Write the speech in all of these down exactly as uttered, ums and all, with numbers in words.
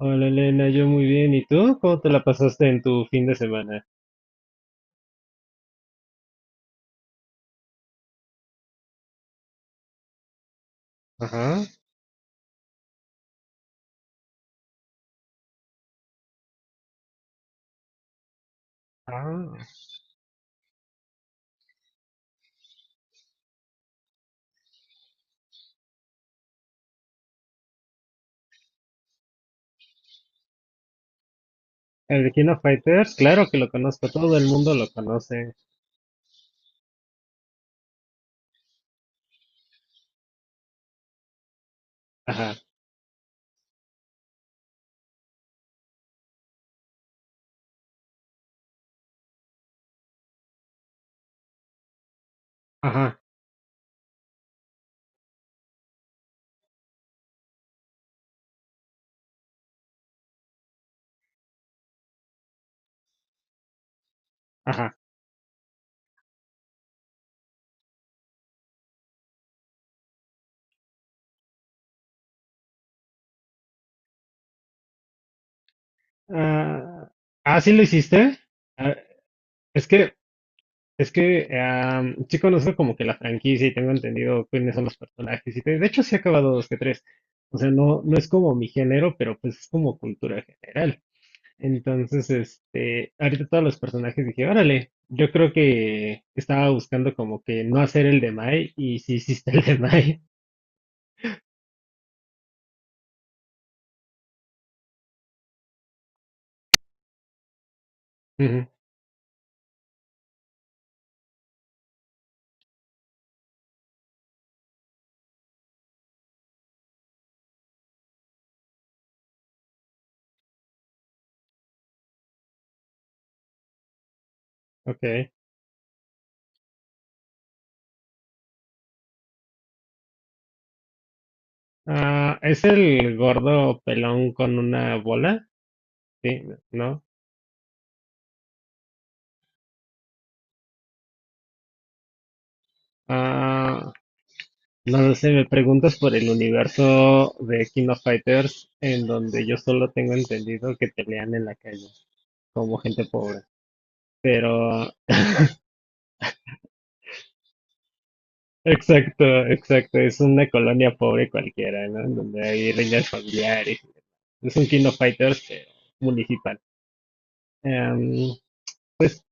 Hola Elena, yo muy bien. ¿Y tú? ¿Cómo te la pasaste en tu fin de semana? Ajá. Ah, el de King of Fighters, claro que lo conozco, todo el mundo lo conoce. Ajá, ajá, ajá. Ah, ah, ¿sí lo hiciste? Ah, es que, es que am, sí conozco como que la franquicia y tengo entendido quiénes son los personajes y todo. De hecho, sí he acabado dos que tres. O sea, no, no es como mi género, pero pues es como cultura general. Entonces, este, ahorita todos los personajes dije, órale, yo creo que estaba buscando como que no hacer el de Mai y sí hiciste el de Mai. Ujú. Ok. Ah, ¿es el gordo pelón con una bola? Sí, ¿no? Ah, no lo sé, me preguntas por el universo de King of Fighters en donde yo solo tengo entendido que pelean en la calle como gente pobre. Pero. Exacto, exacto. Es una colonia pobre cualquiera, ¿no? En donde hay riñas familiares. Es un King of Fighters, pero municipal. Em,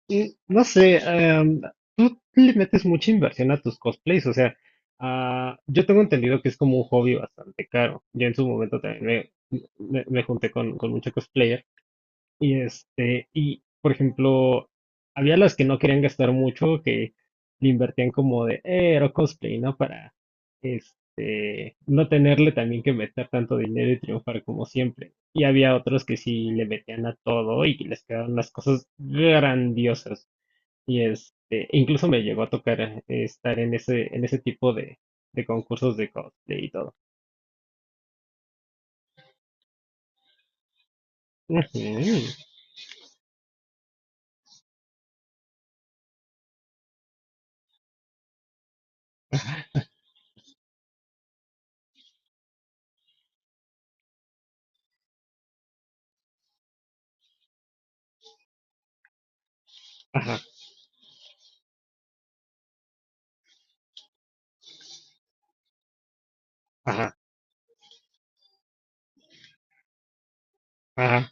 y no sé, em, tú le metes mucha inversión a tus cosplays, o sea, ah, yo tengo entendido que es como un hobby bastante caro. Yo en su momento también me, me, me junté con, con muchos cosplayers. Y este, y por ejemplo, había las que no querían gastar mucho, que le invertían como de, eh, era cosplay, ¿no? Para, este, no tenerle también que meter tanto dinero y triunfar como siempre. Y había otros que sí le metían a todo y les quedaban las cosas grandiosas. Y este, incluso me llegó a tocar eh, estar en ese, en ese tipo de, de concursos de cosplay y todo. Ujú. Ajá, ajá, ajá.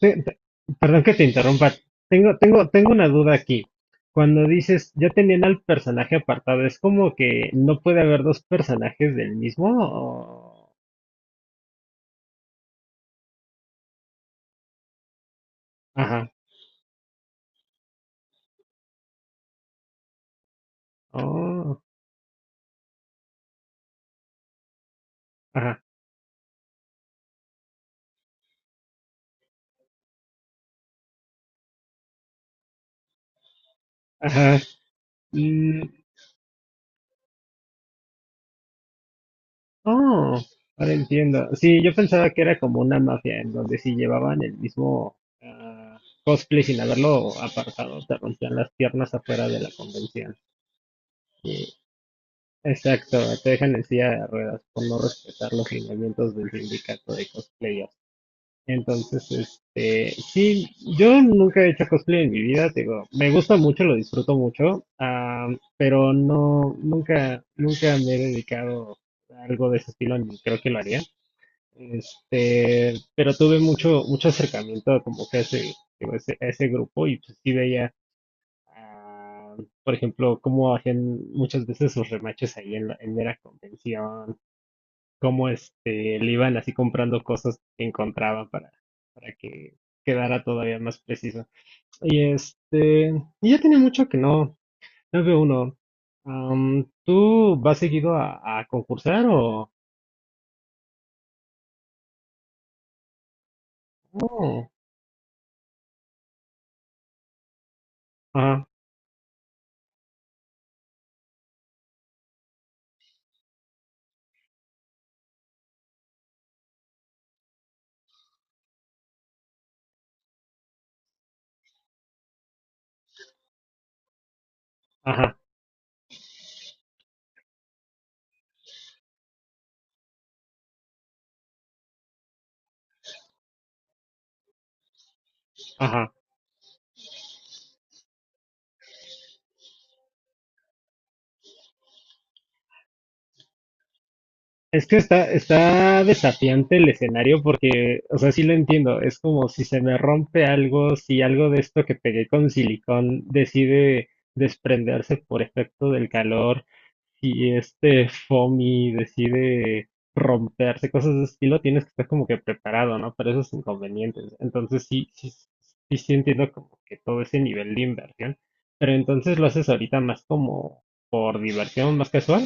Te- te- perdón que te interrumpa. Tengo, tengo, tengo una duda aquí. Cuando dices, ya tenían al personaje apartado, ¿es como que no puede haber dos personajes del mismo? o- Ajá. Oh, ajá. Ajá. Mm, oh, ahora entiendo. Sí, yo pensaba que era como una mafia en donde si llevaban el mismo ah, cosplay sin haberlo apartado, te rompían las piernas afuera de la convención. Sí. Exacto, te dejan en silla de ruedas por no respetar los lineamientos del sindicato de cosplayers. Entonces, este, sí, yo nunca he hecho cosplay en mi vida, te digo, me gusta mucho, lo disfruto mucho, ah, pero no, nunca, nunca me he dedicado a algo de ese estilo, ni creo que lo haría. Este, pero tuve mucho, mucho acercamiento como que a ese, digo, ese- a ese grupo y pues sí veía. Ah, por ejemplo, cómo hacían muchas veces sus remaches ahí en, la- en mera convención, cómo este, le iban así comprando cosas que encontraban para, para que quedara todavía más preciso. Y este, y ya tiene mucho que no, no veo uno. Am, ¿tú vas seguido a, a concursar o? Oh, ajá, ajá, ajá. Es que está, está desafiante el escenario porque, o sea, sí lo entiendo. Es como si se me rompe algo, si algo de esto que pegué con silicón decide desprenderse por efecto del calor, si este foamy decide romperse, cosas de ese estilo, tienes que estar como que preparado, ¿no? Para esos inconvenientes. Entonces sí, sí, sí, sí entiendo como que todo ese nivel de inversión. Pero entonces lo haces ahorita más como por diversión, más casual.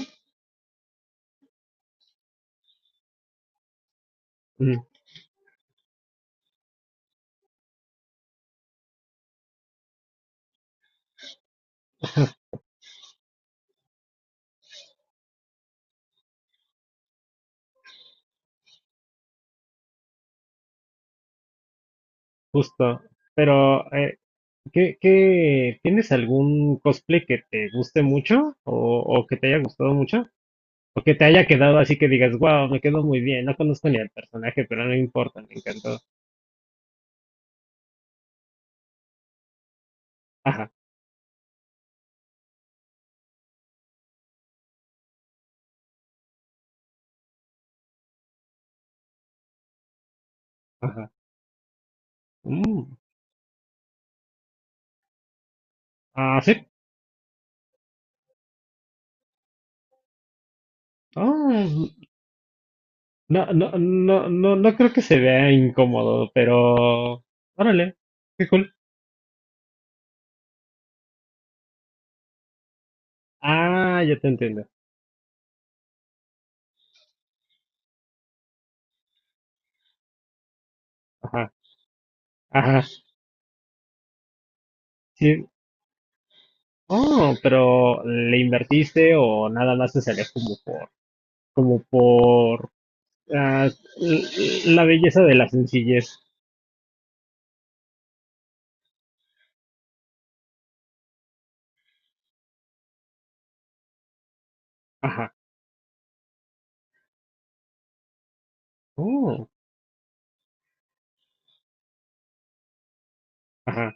Mm. Justo. Pero, eh, ¿qué, qué, tienes algún cosplay que te guste mucho o, o que te haya gustado mucho? O que te haya quedado así que digas, wow, me quedó muy bien, no conozco ni al personaje, pero no importa, me encantó. Ajá, ajá. Mm, ah, sí. Ah, no, no, no, no, no creo que se vea incómodo, pero. Órale, qué cool. Ah, ya te entiendo. Ajá, ajá. Sí. Oh, pero ¿le invertiste o nada más te salió como por como por ah, la belleza de la sencillez? Ajá. Oh, ajá.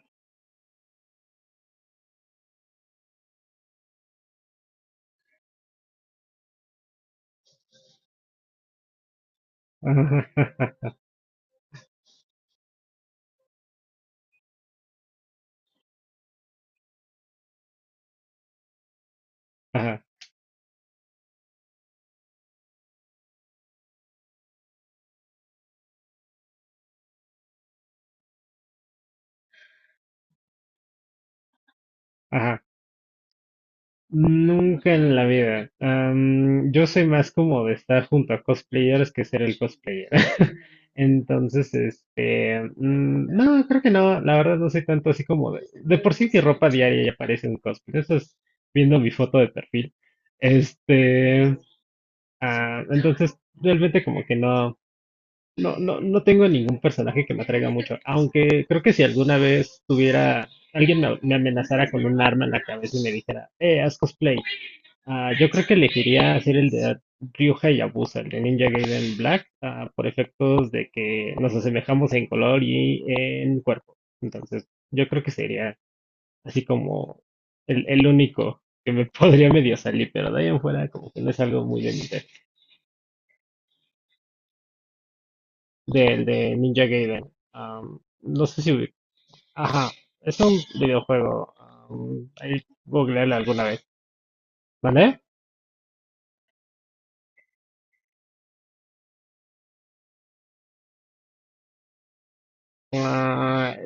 Ajá. Ajá. Ajá. Ajá. Nunca en la vida. Am, yo soy más como de estar junto a cosplayers que ser el cosplayer. Entonces, este, mm, no, creo que no, la verdad no soy tanto así como de, de por sí mi ropa diaria ya parece un cosplay. Eso es viendo mi foto de perfil. Este, ah, entonces realmente como que no. No, no, no tengo ningún personaje que me atraiga mucho, aunque creo que si alguna vez tuviera, alguien me, me amenazara con un arma en la cabeza y me dijera, eh, haz cosplay, ah, yo creo que elegiría hacer el de Ryuja y Abusa, el de Ninja Gaiden Black, ah, por efectos de que nos asemejamos en color y en cuerpo. Entonces, yo creo que sería así como el, el único que me podría medio salir, pero de ahí en fuera como que no es algo muy de mi- del de Ninja Gaiden. Am, no sé si. Ajá, es un videojuego. um, ahí googlearlo alguna vez, ¿vale? Ah,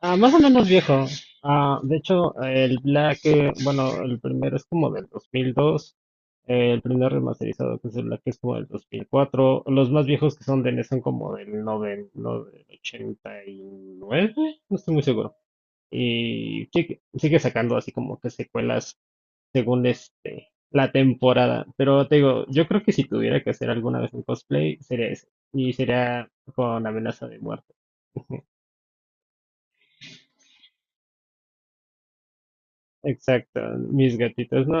ah, más o menos viejo. Ah, de hecho, el Black, eh, bueno, el primero es como del dos mil dos. eh, el primer remasterizado, que es el Black, es como del dos mil cuatro. Los más viejos que son de NES son como del noventa, no, del ochenta y nueve, no estoy muy seguro. Y sigue, sigue sacando así como que secuelas según este, la temporada. Pero te digo, yo creo que si tuviera que hacer alguna vez un cosplay, sería ese. Y sería con amenaza de muerte. Exacto, mis gatitos, no,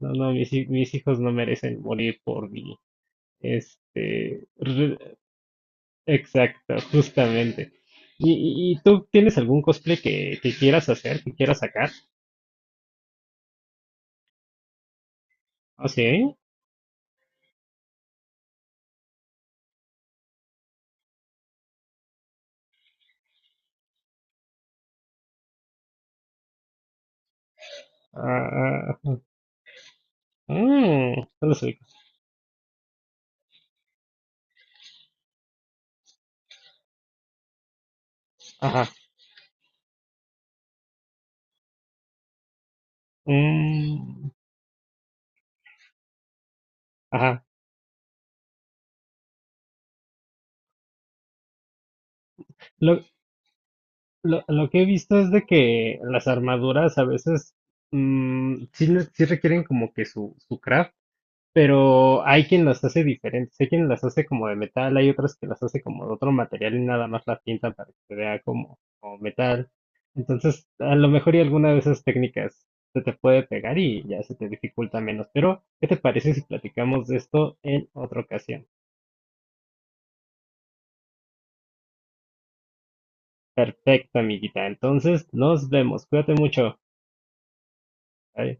no, no, mis, hi- mis hijos no merecen morir por mí. Este, re- exacto, justamente. ¿Y, y- y tú tienes algún cosplay que, que quieras hacer, que quieras sacar? ¿Ah, sí? Ah, ah, ah, mm, no lo sé. Ajá. mm, ajá. Lo, lo que he visto es de que las armaduras a veces mm, sí, le- sí requieren como que su, su craft, pero hay quien las hace diferentes, hay quien las hace como de metal, hay otras que las hace como de otro material y nada más las pintan para que se vea como, como metal. Entonces, a lo mejor y alguna de esas técnicas se te puede pegar y ya se te dificulta menos. Pero, ¿qué te parece si platicamos de esto en otra ocasión? Perfecto, amiguita. Entonces, nos vemos. Cuídate mucho. Bye.